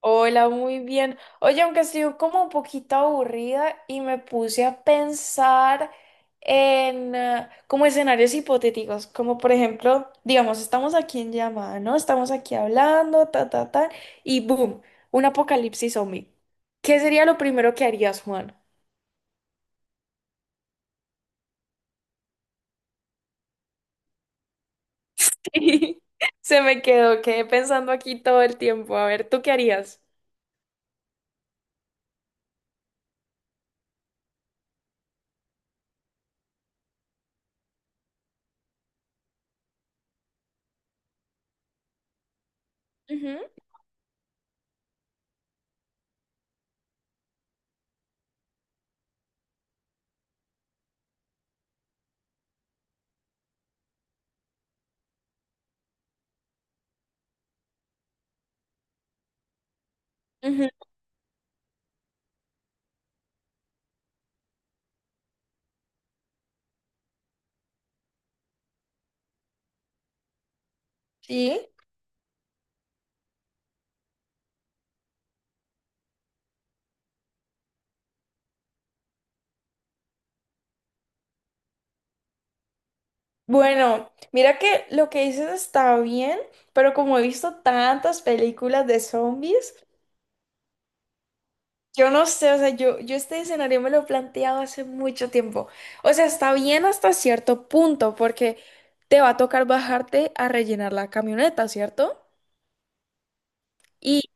Hola, muy bien. Oye, aunque estoy como un poquito aburrida y me puse a pensar en como escenarios hipotéticos, como por ejemplo, digamos, estamos aquí en llamada, ¿no? Estamos aquí hablando, ta, ta, ta, y boom, un apocalipsis zombie. ¿Qué sería lo primero que harías, Juan? Sí, se me quedó, quedé pensando aquí todo el tiempo. A ver, ¿tú qué harías? Ujú, ujú. Sí. Bueno, mira que lo que dices está bien, pero como he visto tantas películas de zombies, yo no sé, o sea, yo este escenario me lo he planteado hace mucho tiempo. O sea, está bien hasta cierto punto, porque te va a tocar bajarte a rellenar la camioneta, ¿cierto? Y,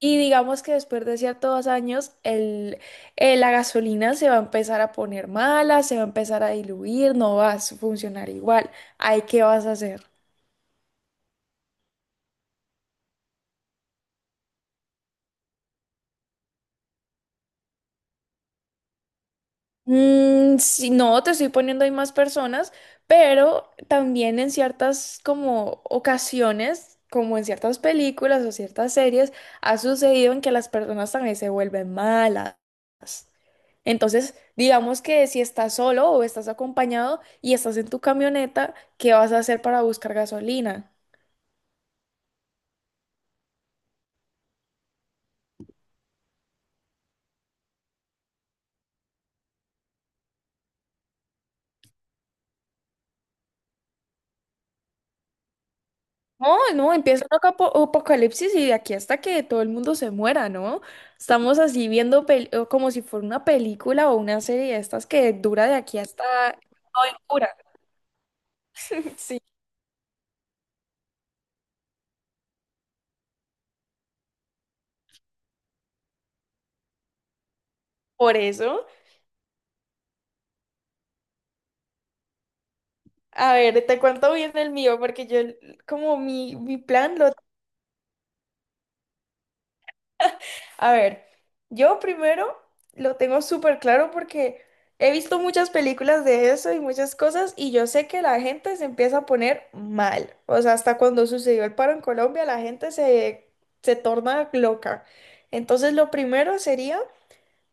y digamos que después de ciertos años, la gasolina se va a empezar a poner mala, se va a empezar a diluir, no va a funcionar igual. ¿Ahí qué vas a hacer? Mm, sí, no, te estoy poniendo ahí más personas, pero también en ciertas como ocasiones, como en ciertas películas o ciertas series, ha sucedido en que las personas también se vuelven malas. Entonces, digamos que si estás solo o estás acompañado y estás en tu camioneta, ¿qué vas a hacer para buscar gasolina? No, no, empieza un apocalipsis y de aquí hasta que todo el mundo se muera, ¿no? Estamos así viendo o como si fuera una película o una serie de estas que dura de aquí hasta. No, y dura. Sí, por eso. A ver, te cuento bien el mío, porque yo, como mi plan lo. A ver, yo primero lo tengo súper claro porque he visto muchas películas de eso y muchas cosas y yo sé que la gente se empieza a poner mal. O sea, hasta cuando sucedió el paro en Colombia, la gente se, se torna loca. Entonces, lo primero sería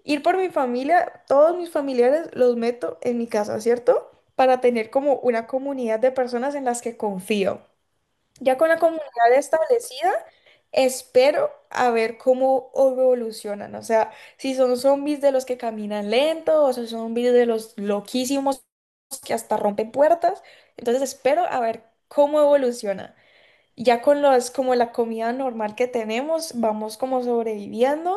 ir por mi familia, todos mis familiares los meto en mi casa, ¿cierto? Para tener como una comunidad de personas en las que confío. Ya con la comunidad establecida, espero a ver cómo evolucionan. O sea, si son zombies de los que caminan lento o si son zombies de los loquísimos que hasta rompen puertas. Entonces espero a ver cómo evoluciona. Ya con los, como la comida normal que tenemos, vamos como sobreviviendo.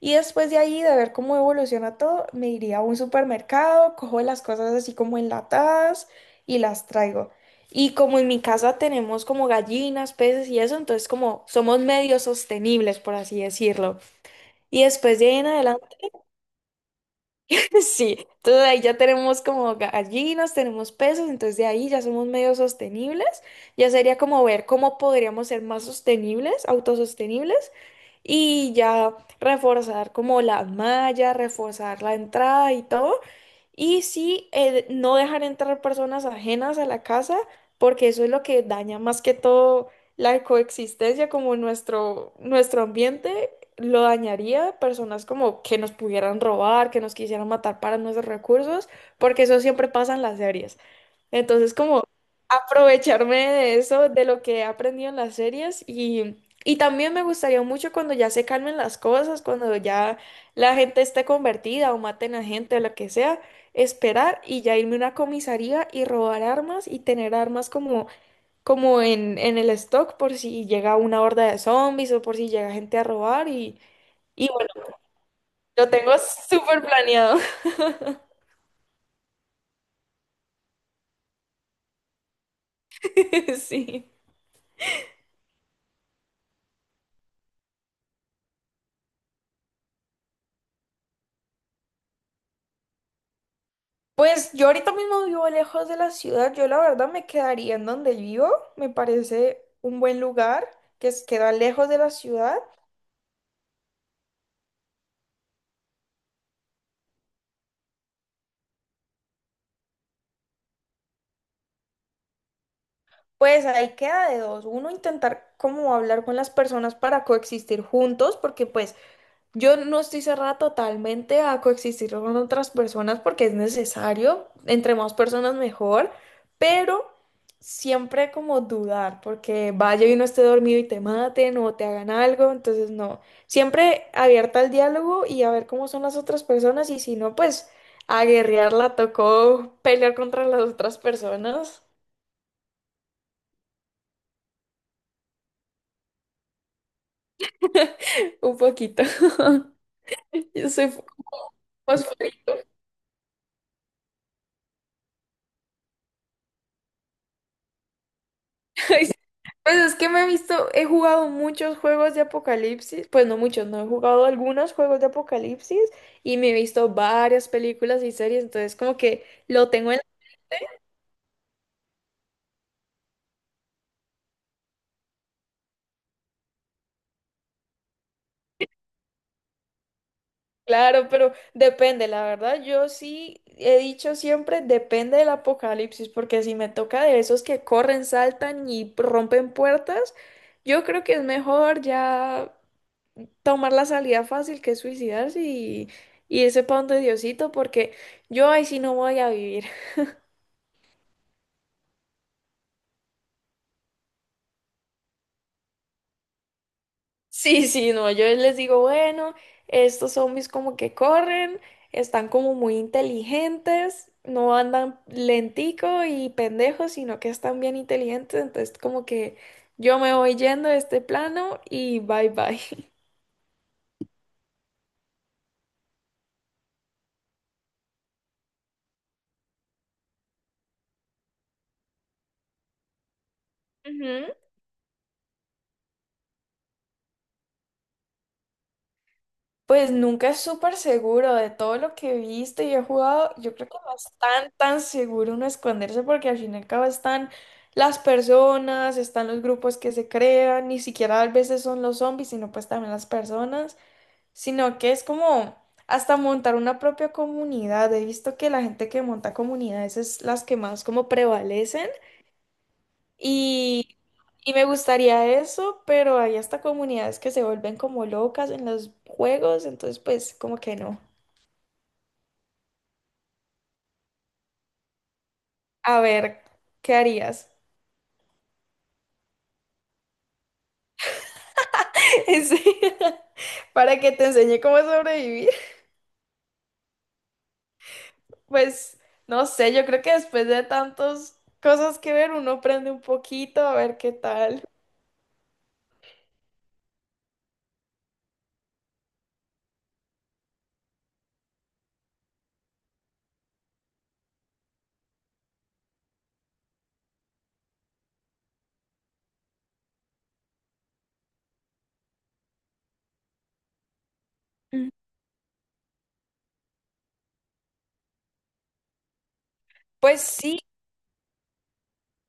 Y después de ahí, de ver cómo evoluciona todo, me iría a un supermercado, cojo las cosas así como enlatadas y las traigo. Y como en mi casa tenemos como gallinas, peces y eso, entonces como somos medio sostenibles, por así decirlo. Y después de ahí en adelante. Sí, entonces ahí ya tenemos como gallinas, tenemos peces, entonces de ahí ya somos medio sostenibles. Ya sería como ver cómo podríamos ser más sostenibles, autosostenibles, y ya reforzar como la malla, reforzar la entrada y todo. Y sí, no dejar entrar personas ajenas a la casa, porque eso es lo que daña más que todo la coexistencia, como nuestro ambiente lo dañaría, personas como que nos pudieran robar, que nos quisieran matar para nuestros recursos, porque eso siempre pasa en las series. Entonces, como aprovecharme de eso, de lo que he aprendido en las series y también me gustaría mucho cuando ya se calmen las cosas, cuando ya la gente esté convertida o maten a gente o lo que sea, esperar y ya irme a una comisaría y robar armas y tener armas como, como en el stock por si llega una horda de zombies o por si llega gente a robar y bueno, lo tengo súper planeado. Sí. Pues yo ahorita mismo vivo lejos de la ciudad, yo la verdad me quedaría en donde vivo, me parece un buen lugar que queda lejos de la ciudad. Pues ahí queda de dos. Uno, intentar como hablar con las personas para coexistir juntos, porque pues yo no estoy cerrada totalmente a coexistir con otras personas porque es necesario, entre más personas mejor, pero siempre como dudar, porque vaya y no esté dormido y te maten o te hagan algo, entonces no, siempre abierta al diálogo y a ver cómo son las otras personas y si no, pues a guerrearla tocó pelear contra las otras personas. Un poquito. Yo soy. Pues es que me he visto, he jugado muchos juegos de apocalipsis, pues no muchos, no he jugado algunos juegos de apocalipsis y me he visto varias películas y series, entonces como que lo tengo en claro, pero depende, la verdad, yo sí he dicho siempre depende del apocalipsis, porque si me toca de esos que corren, saltan y rompen puertas, yo creo que es mejor ya tomar la salida fácil que es suicidarse y irse para donde Diosito, porque yo ahí sí no voy a vivir. Sí, sí, no, yo les digo, bueno, estos zombies como que corren, están como muy inteligentes, no andan lentico y pendejos, sino que están bien inteligentes, entonces como que yo me voy yendo de este plano y bye bye. Pues nunca es súper seguro de todo lo que he visto y he jugado. Yo creo que no es tan, tan seguro uno esconderse porque al fin y al cabo están las personas, están los grupos que se crean, ni siquiera a veces son los zombies, sino pues también las personas, sino que es como hasta montar una propia comunidad. He visto que la gente que monta comunidades es las que más como prevalecen. Y, y me gustaría eso, pero hay hasta comunidades que se vuelven como locas en los juegos, entonces pues como que no. A ver, ¿qué harías? En serio. Para que te enseñe cómo sobrevivir. Pues no sé, yo creo que después de tantas cosas que ver, uno aprende un poquito a ver qué tal. Mm. Pues sí.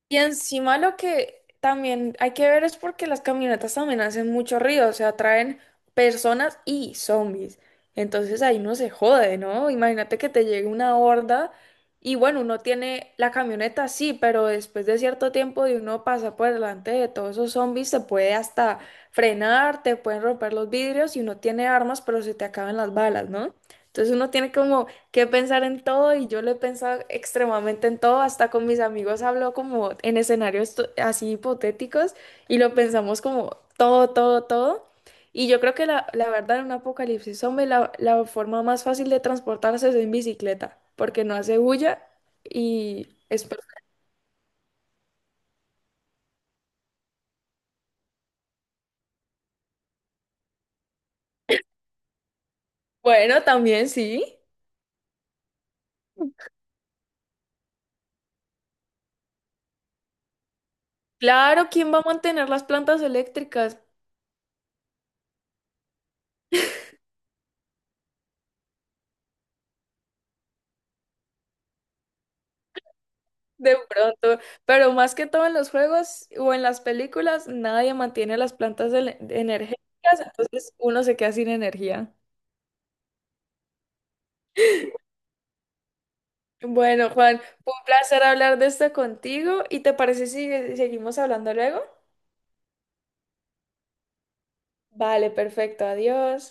Y encima lo que también hay que ver es porque las camionetas también hacen mucho ruido, o sea, atraen personas y zombies. Entonces ahí uno se jode, ¿no? Imagínate que te llegue una horda y bueno, uno tiene la camioneta, sí, pero después de cierto tiempo de uno pasa por delante de todos esos zombies, se puede hasta frenar, te pueden romper los vidrios y uno tiene armas, pero se te acaban las balas, ¿no? Entonces uno tiene como que pensar en todo y yo lo he pensado extremadamente en todo, hasta con mis amigos hablo como en escenarios así hipotéticos y lo pensamos como todo, todo, todo. Y yo creo que la verdad en un apocalipsis zombie la forma más fácil de transportarse es en bicicleta, porque no hace bulla y es perfecto. Bueno, también sí. Claro, ¿quién va a mantener las plantas eléctricas? De pronto, pero más que todo en los juegos o en las películas, nadie mantiene las plantas energéticas, entonces uno se queda sin energía. Bueno, Juan, fue un placer hablar de esto contigo y ¿te parece si seguimos hablando luego? Vale, perfecto, adiós.